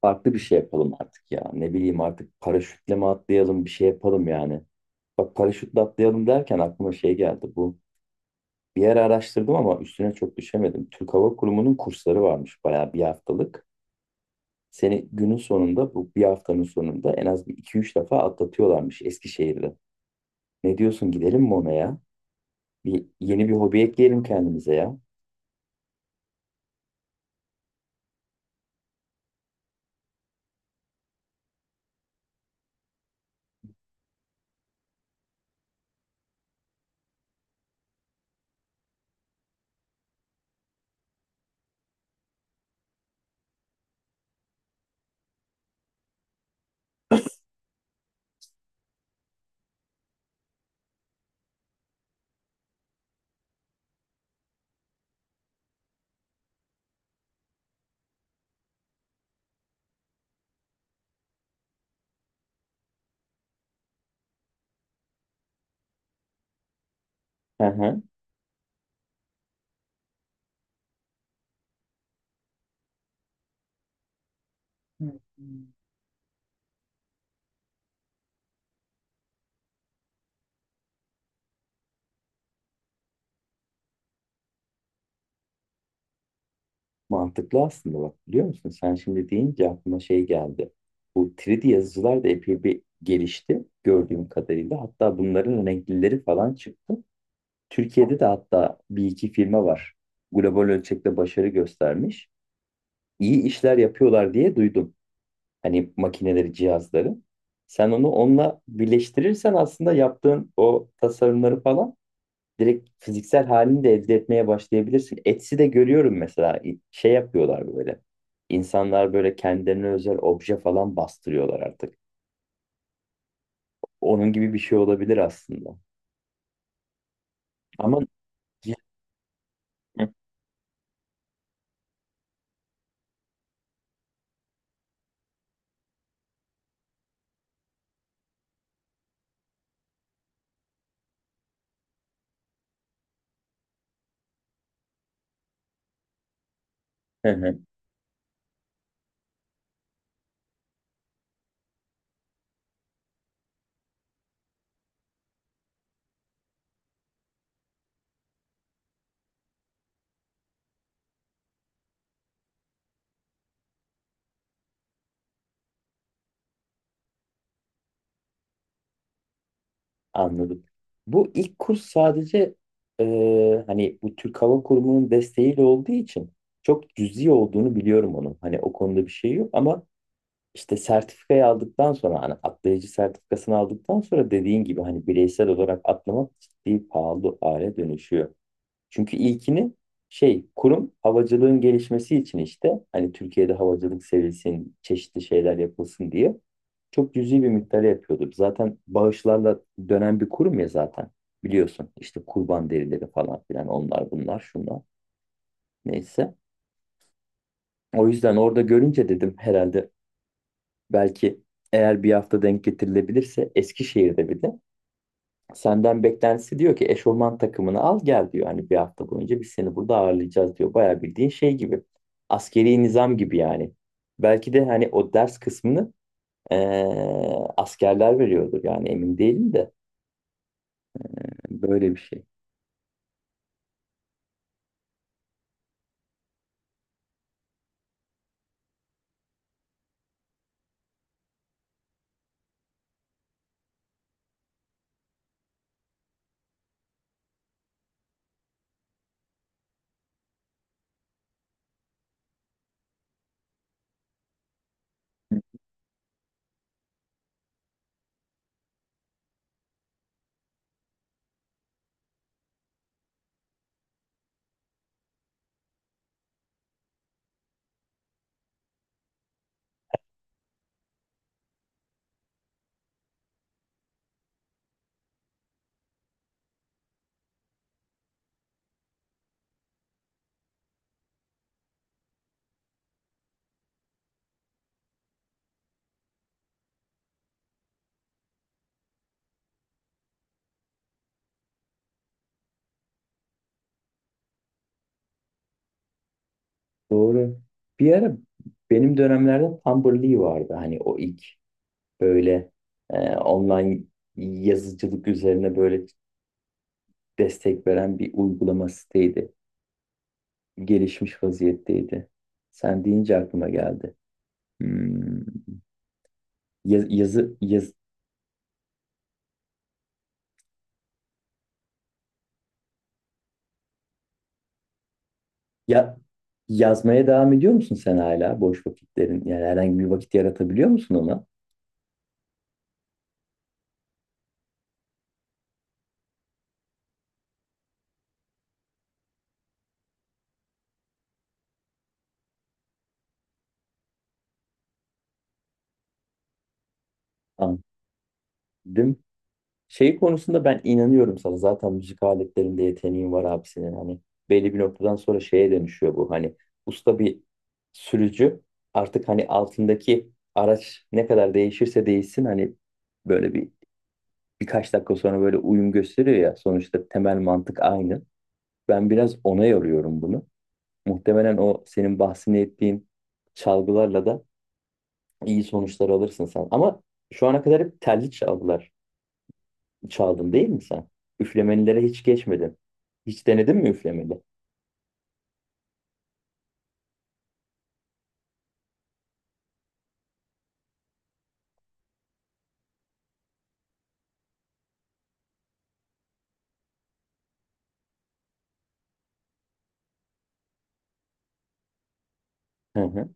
Farklı bir şey yapalım artık ya. Ne bileyim artık paraşütle mi atlayalım bir şey yapalım yani. Bak paraşütle atlayalım derken aklıma şey geldi bu. Bir yer araştırdım ama üstüne çok düşemedim. Türk Hava Kurumu'nun kursları varmış bayağı bir haftalık. Seni günün sonunda bu bir haftanın sonunda en az bir iki üç defa atlatıyorlarmış Eskişehir'de. Ne diyorsun gidelim mi ona ya? Bir, yeni bir hobi ekleyelim kendimize ya. Hı hı. Mantıklı aslında bak biliyor musun? Sen şimdi deyince aklıma şey geldi. Bu 3D yazıcılar da epey bir gelişti gördüğüm kadarıyla. Hatta bunların renklileri falan çıktı. Türkiye'de de hatta bir iki firma var. Global ölçekte başarı göstermiş. İyi işler yapıyorlar diye duydum. Hani makineleri, cihazları. Sen onu onunla birleştirirsen aslında yaptığın o tasarımları falan direkt fiziksel halini de elde etmeye başlayabilirsin. Etsy'de görüyorum mesela şey yapıyorlar böyle. İnsanlar böyle kendilerine özel obje falan bastırıyorlar artık. Onun gibi bir şey olabilir aslında. Ama anladım. Bu ilk kurs sadece e, hani bu Türk Hava Kurumu'nun desteğiyle olduğu için çok cüzi olduğunu biliyorum onun. Hani o konuda bir şey yok ama İşte sertifikayı aldıktan sonra hani atlayıcı sertifikasını aldıktan sonra dediğin gibi hani bireysel olarak atlamak ciddi pahalı hale dönüşüyor. Çünkü ilkini şey kurum havacılığın gelişmesi için işte hani Türkiye'de havacılık sevilsin, çeşitli şeyler yapılsın diye çok cüzi bir miktarı yapıyordu. Zaten bağışlarla dönen bir kurum ya zaten biliyorsun işte kurban derileri falan filan onlar bunlar şunlar neyse. O yüzden orada görünce dedim herhalde belki eğer bir hafta denk getirilebilirse Eskişehir'de bir de senden beklentisi diyor ki eşofman takımını al gel diyor. Hani bir hafta boyunca biz seni burada ağırlayacağız diyor. Bayağı bildiğin şey gibi. Askeri nizam gibi yani. Belki de hani o ders kısmını askerler veriyordur yani emin değilim de yani böyle bir şey. Doğru. Bir ara benim dönemlerde Tumblr Lee vardı. Hani o ilk böyle online yazıcılık üzerine böyle destek veren bir uygulama siteydi. Gelişmiş vaziyetteydi. Sen deyince aklıma geldi. Hmm, yazı yaz ya yazmaya devam ediyor musun sen hala boş vakitlerin? Yani herhangi bir vakit yaratabiliyor musun ona? Anladım. Şey konusunda ben inanıyorum sana. Zaten müzik aletlerinde yeteneğin var abi senin. Hani belli bir noktadan sonra şeye dönüşüyor bu. Hani usta bir sürücü artık hani altındaki araç ne kadar değişirse değişsin hani böyle bir birkaç dakika sonra böyle uyum gösteriyor ya. Sonuçta temel mantık aynı. Ben biraz ona yoruyorum bunu. Muhtemelen o senin bahsini ettiğin çalgılarla da iyi sonuçlar alırsın sen. Ama şu ana kadar hep telli çalgılar çaldın değil mi sen? Üflemelilere hiç geçmedin. Hiç denedin mi üflemeli? Hı hı.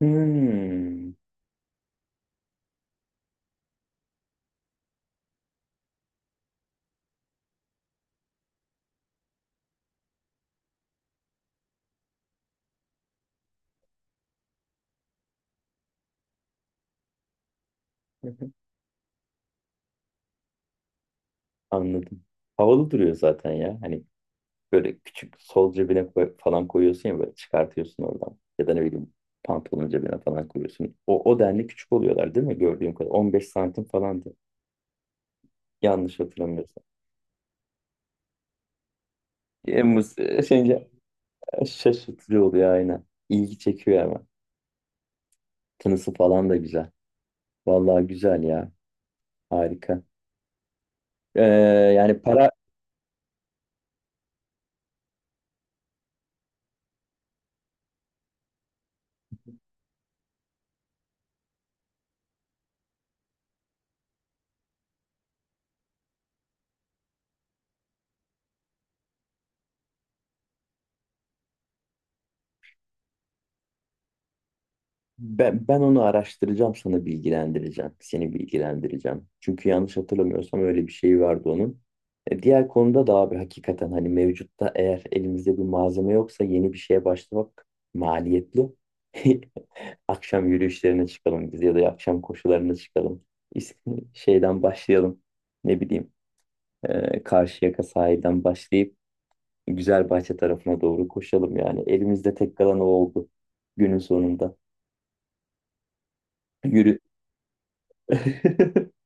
Hmm. Hı hı. Anladım. Havalı duruyor zaten ya. Hani böyle küçük sol cebine falan koyuyorsun ya böyle çıkartıyorsun oradan. Ya da ne bileyim pantolonun cebine falan koyuyorsun. O denli küçük oluyorlar değil mi gördüğüm kadar? 15 santim falandı. Yanlış hatırlamıyorsam. Yalnız şeyince şaşırtıcı oluyor aynen. İlgi çekiyor ama. Tınısı falan da güzel. Vallahi güzel ya. Harika. Ee, yani para Ben onu araştıracağım sana bilgilendireceğim. Seni bilgilendireceğim. Çünkü yanlış hatırlamıyorsam öyle bir şey vardı onun. Diğer konuda da abi hakikaten hani mevcutta eğer elimizde bir malzeme yoksa yeni bir şeye başlamak maliyetli. Akşam yürüyüşlerine çıkalım biz ya da akşam koşularına çıkalım. İs- Şeyden başlayalım. Ne bileyim Karşıyaka sahilden başlayıp Güzelbahçe tarafına doğru koşalım yani. Elimizde tek kalan o oldu günün sonunda. Yürü.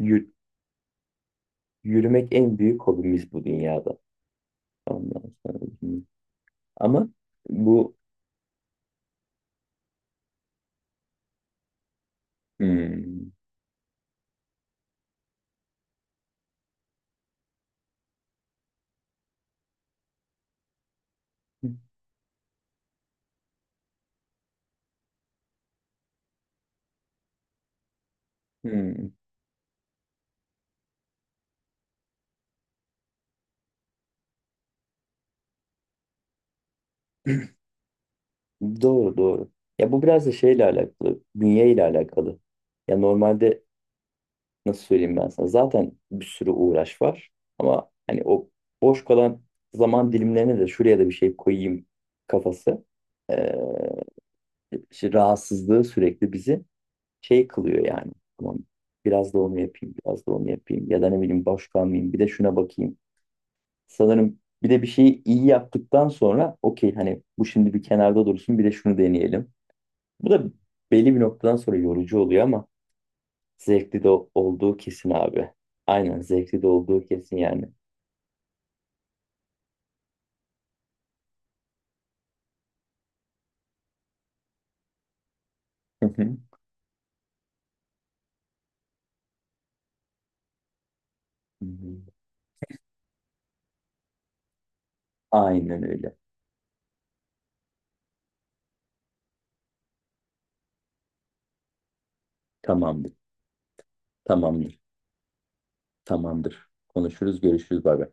Yü- yürümek en büyük hobimiz bu dünyada. Ondan sonra hmm. Ama bu hmm, hmm, doğru doğru. Ya bu biraz da şeyle alakalı, bünye ile alakalı. Ya normalde nasıl söyleyeyim ben sana? Zaten bir sürü uğraş var ama hani o boş kalan zaman dilimlerine de şuraya da bir şey koyayım kafası. Ee, işte rahatsızlığı sürekli bizi şey kılıyor yani. Tamam, biraz da onu yapayım, biraz da onu yapayım ya da ne bileyim boş kalmayayım, bir de şuna bakayım. Sanırım bir de bir şeyi iyi yaptıktan sonra okey hani bu şimdi bir kenarda dursun bir de şunu deneyelim. Bu da belli bir noktadan sonra yorucu oluyor ama zevkli de olduğu kesin abi. Aynen zevkli de olduğu kesin yani. Hı hı. Hı hı. Aynen öyle. Tamamdır. Tamamdır. Tamamdır. Konuşuruz, görüşürüz. Bay bay.